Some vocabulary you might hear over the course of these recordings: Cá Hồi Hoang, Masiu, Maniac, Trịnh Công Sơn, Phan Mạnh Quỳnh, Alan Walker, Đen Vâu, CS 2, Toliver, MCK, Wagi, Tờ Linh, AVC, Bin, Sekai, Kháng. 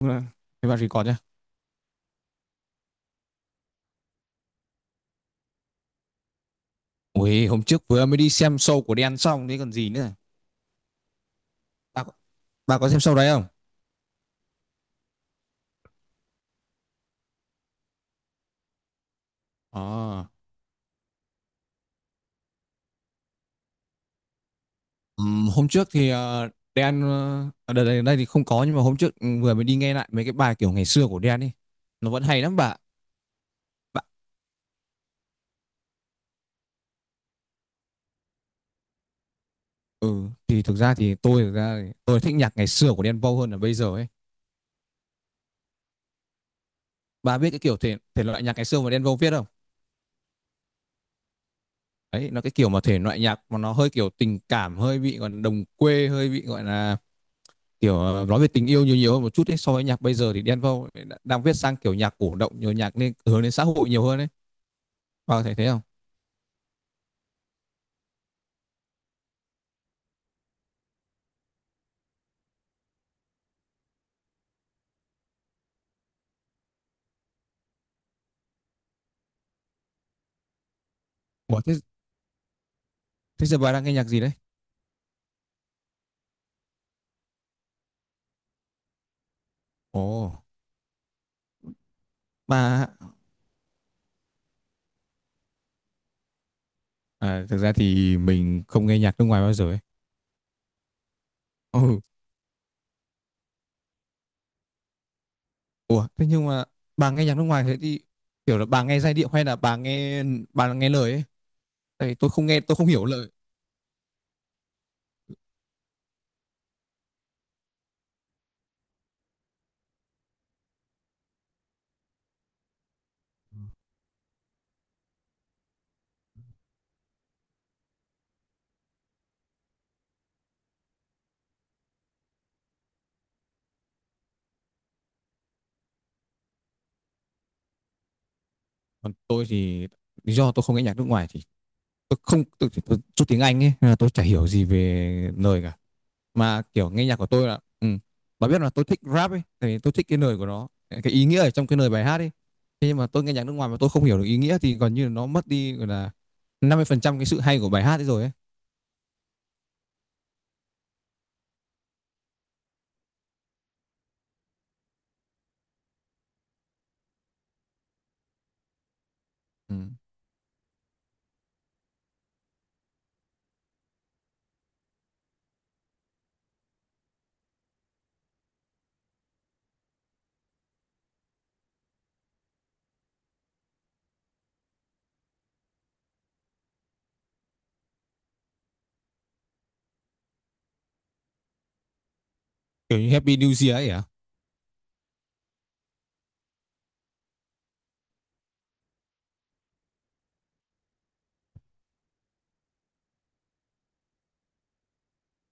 Đúng rồi. Thế bà record nhá. Ui, hôm trước vừa mới đi xem show của Đen xong thế còn gì nữa. Bà, bà có xem show đấy không? À, hôm trước thì Đen ở đây thì không có, nhưng mà hôm trước vừa mới đi nghe lại mấy cái bài kiểu ngày xưa của Đen đi. Nó vẫn hay lắm bà. Bà, ừ thì thực ra thì tôi thích nhạc ngày xưa của Đen Vâu hơn là bây giờ ấy. Bà biết cái kiểu thể thể loại nhạc ngày xưa mà Đen Vâu viết không? Đấy, nó cái kiểu mà thể loại nhạc mà nó hơi kiểu tình cảm, hơi bị còn đồng quê, hơi bị gọi là kiểu nói về tình yêu nhiều nhiều hơn một chút ấy, so với nhạc bây giờ thì Đen Vâu đang viết sang kiểu nhạc cổ động nhiều nhạc nên hướng đến xã hội nhiều hơn ấy. Bà thấy thế không? Ủa, thế giờ bà đang nghe nhạc gì đấy? Ồ, bà. À, thực ra thì mình không nghe nhạc nước ngoài bao giờ ấy. Ừ. Ủa, thế nhưng mà bà nghe nhạc nước ngoài thế thì kiểu là bà nghe giai điệu hay là bà nghe lời ấy? Tại vì tôi không hiểu lời. Còn tôi thì lý do tôi không nghe nhạc nước ngoài thì tôi không tôi, tôi tiếng Anh ấy, nên là tôi chả hiểu gì về lời cả. Mà kiểu nghe nhạc của tôi là, ừ. Bà biết là tôi thích rap ấy, tại vì tôi thích cái lời của nó, cái ý nghĩa ở trong cái lời bài hát ấy. Thế nhưng mà tôi nghe nhạc nước ngoài mà tôi không hiểu được ý nghĩa thì gần như là nó mất đi, gọi là 50% cái sự hay của bài hát ấy rồi ấy. Ừ. Kiểu như Happy New Year ấy à?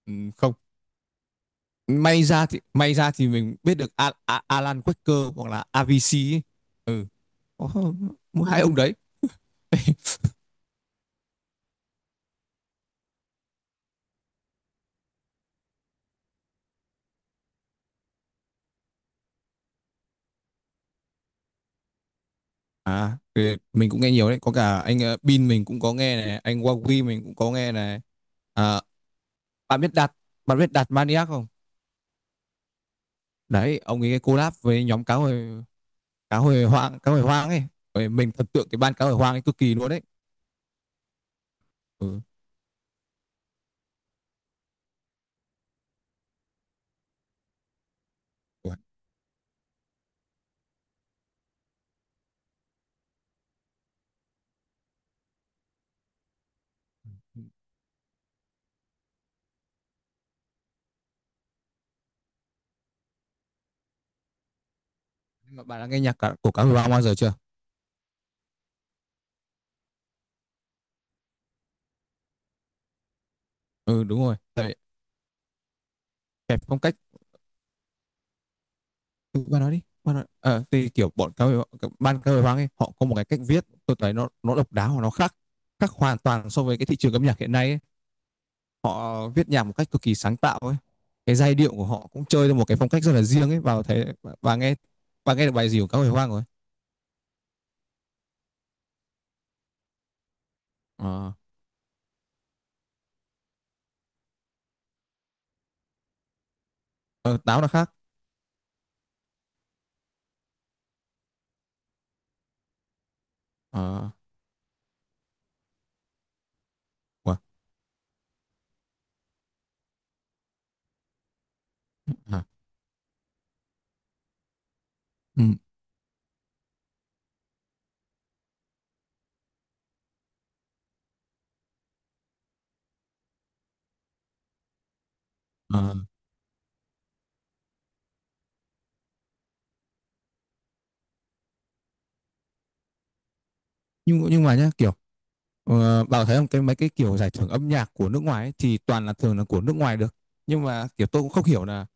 Ừ, không. May ra thì mình biết được Al Al Alan Walker hoặc là AVC ấy. Ừ. Oh, mỗi hai ông đấy. À thì mình cũng nghe nhiều đấy, có cả anh Bin mình cũng có nghe này, anh Wagi mình cũng có nghe này. À, bạn biết đặt bạn biết đặt Maniac không? Đấy, ông ấy collab với nhóm cá hồi hoang ấy. Rồi mình thần tượng cái ban cá hồi hoang ấy cực kỳ luôn đấy. Ừ. Ủa, bạn đã nghe nhạc của cá hồi hoang bao giờ chưa? Ừ, đúng rồi đấy. Kẹp phong cách. Ừ, bạn nói đi, bạn nói. Ờ, thì kiểu bọn cá hồi ban cá hồi hoang ấy họ có một cái cách viết, tôi thấy nó độc đáo và nó khác khác hoàn toàn so với cái thị trường âm nhạc hiện nay ấy. Họ viết nhạc một cách cực kỳ sáng tạo ấy. Cái giai điệu của họ cũng chơi theo một cái phong cách rất là riêng ấy vào thấy. Và nghe và nghe được bài gì của các hồi hoang rồi. Ờ. Ờ, táo là khác. Ờ. Hả? Ừ. Ờ. nhưng mà nhá, kiểu bảo thấy không, cái mấy cái kiểu giải thưởng âm nhạc của nước ngoài ấy, thì toàn là thường là của nước ngoài được. Nhưng mà kiểu tôi cũng không hiểu là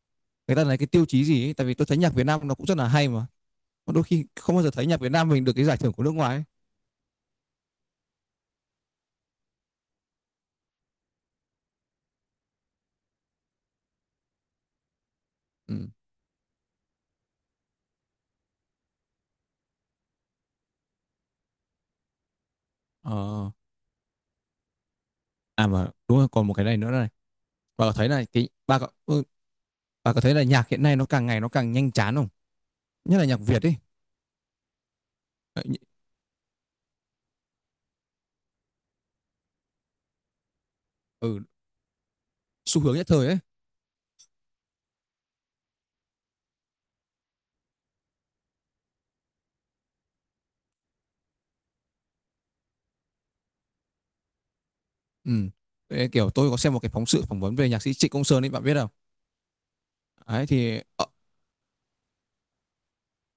người ta lấy cái tiêu chí gì ấy, tại vì tôi thấy nhạc Việt Nam nó cũng rất là hay mà. Mà đôi khi không bao giờ thấy nhạc Việt Nam mình được cái giải thưởng của nước ngoài ấy. Ừ. Ờ. À mà đúng rồi, còn một cái này nữa này. Bà có thấy là cái bà có ừ, bà có thấy là nhạc hiện nay nó càng ngày nó càng nhanh chán không? Nhất là nhạc Việt ấy. Ờ, ừ, xu hướng nhất thời ấy. Ừ. Thế kiểu tôi có xem một cái phóng sự phỏng vấn về nhạc sĩ Trịnh Công Sơn ấy, bạn biết không? Đấy thì ờ,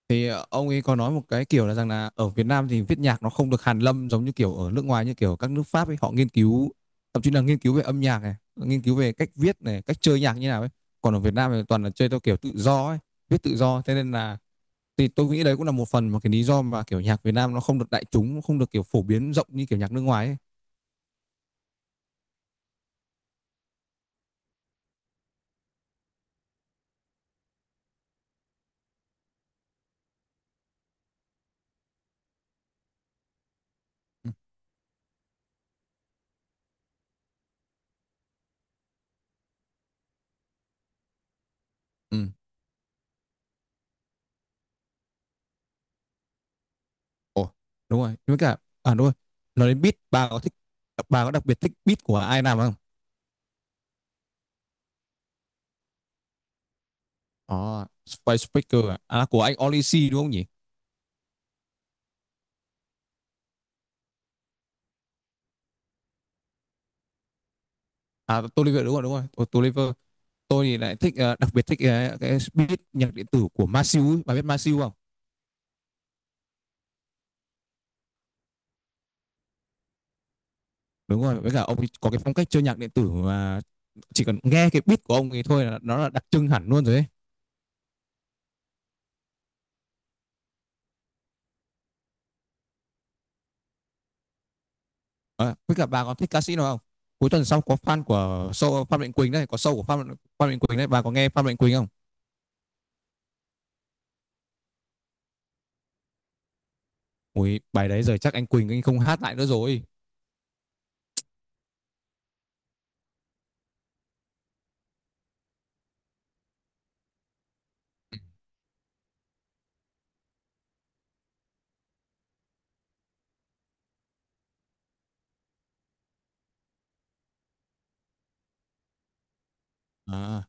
thì ờ, ông ấy có nói một cái kiểu là rằng là ở Việt Nam thì viết nhạc nó không được hàn lâm giống như kiểu ở nước ngoài, như kiểu các nước Pháp ấy họ nghiên cứu, thậm chí là nghiên cứu về âm nhạc này, nghiên cứu về cách viết này, cách chơi nhạc như nào ấy. Còn ở Việt Nam thì toàn là chơi theo kiểu tự do ấy, viết tự do thế nên là thì tôi nghĩ đấy cũng là một phần mà cái lý do mà, kiểu, nhạc Việt Nam nó không được đại chúng, không được, kiểu, phổ biến rộng như, kiểu, nhạc nước ngoài ấy. Ừm. Ừm. Ồ, đúng rồi, với cả à, đúng rồi, nói đến beat, bà có đặc biệt thích beat của ai làm không? Ờ, Spice Speaker à? À, của anh Olisi đúng không nhỉ? À, Toliver, đúng rồi, Tôi Toliver. Tôi thì lại thích, đặc biệt thích, cái beat nhạc điện tử của Masiu ấy, bà biết Masiu không? Đúng rồi, với cả ông ấy có cái phong cách chơi nhạc điện tử mà chỉ cần nghe cái beat của ông ấy thôi là nó là đặc trưng hẳn luôn rồi ấy. À, với cả bà có thích ca sĩ nào không? Cuối tuần sau có fan của show Phan Mạnh Quỳnh đấy, có show của Phan Phan Mạnh Quỳnh đấy, bà có nghe Phan Mạnh Quỳnh không? Ui, bài đấy giờ chắc anh Quỳnh anh không hát lại nữa rồi. À,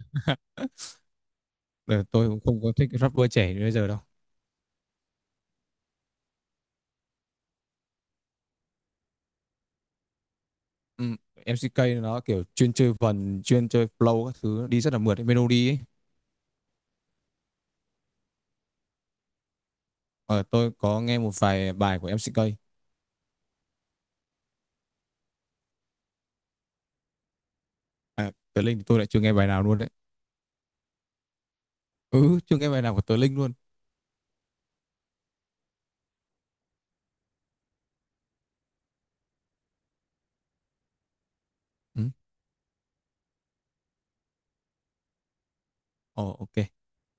ờ, tôi cũng không có thích rapper trẻ như bây giờ đâu. Ừ, MCK nó kiểu chuyên chơi vần, chuyên chơi flow các thứ đi rất là mượt, melody ấy. Ờ, tôi có nghe một vài bài của MCK. À, Tờ Linh thì tôi lại chưa nghe bài nào luôn đấy. Ừ, chưa nghe bài nào của Tờ Linh luôn. Ừ, ồ, ok.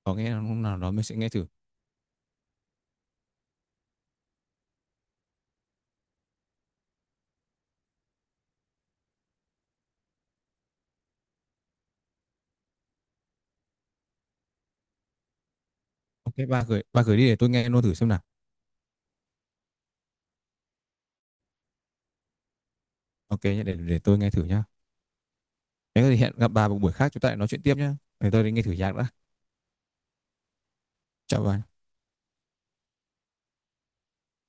Có nghe hôm nào đó mình sẽ nghe thử. Ok, ba gửi đi để tôi nghe luôn thử xem nào. Ok nhé, để tôi nghe thử nhá. Nếu có gì hẹn gặp bà một buổi khác chúng ta lại nói chuyện tiếp nhá. Để tôi đi nghe thử nhạc đã. Chào bà.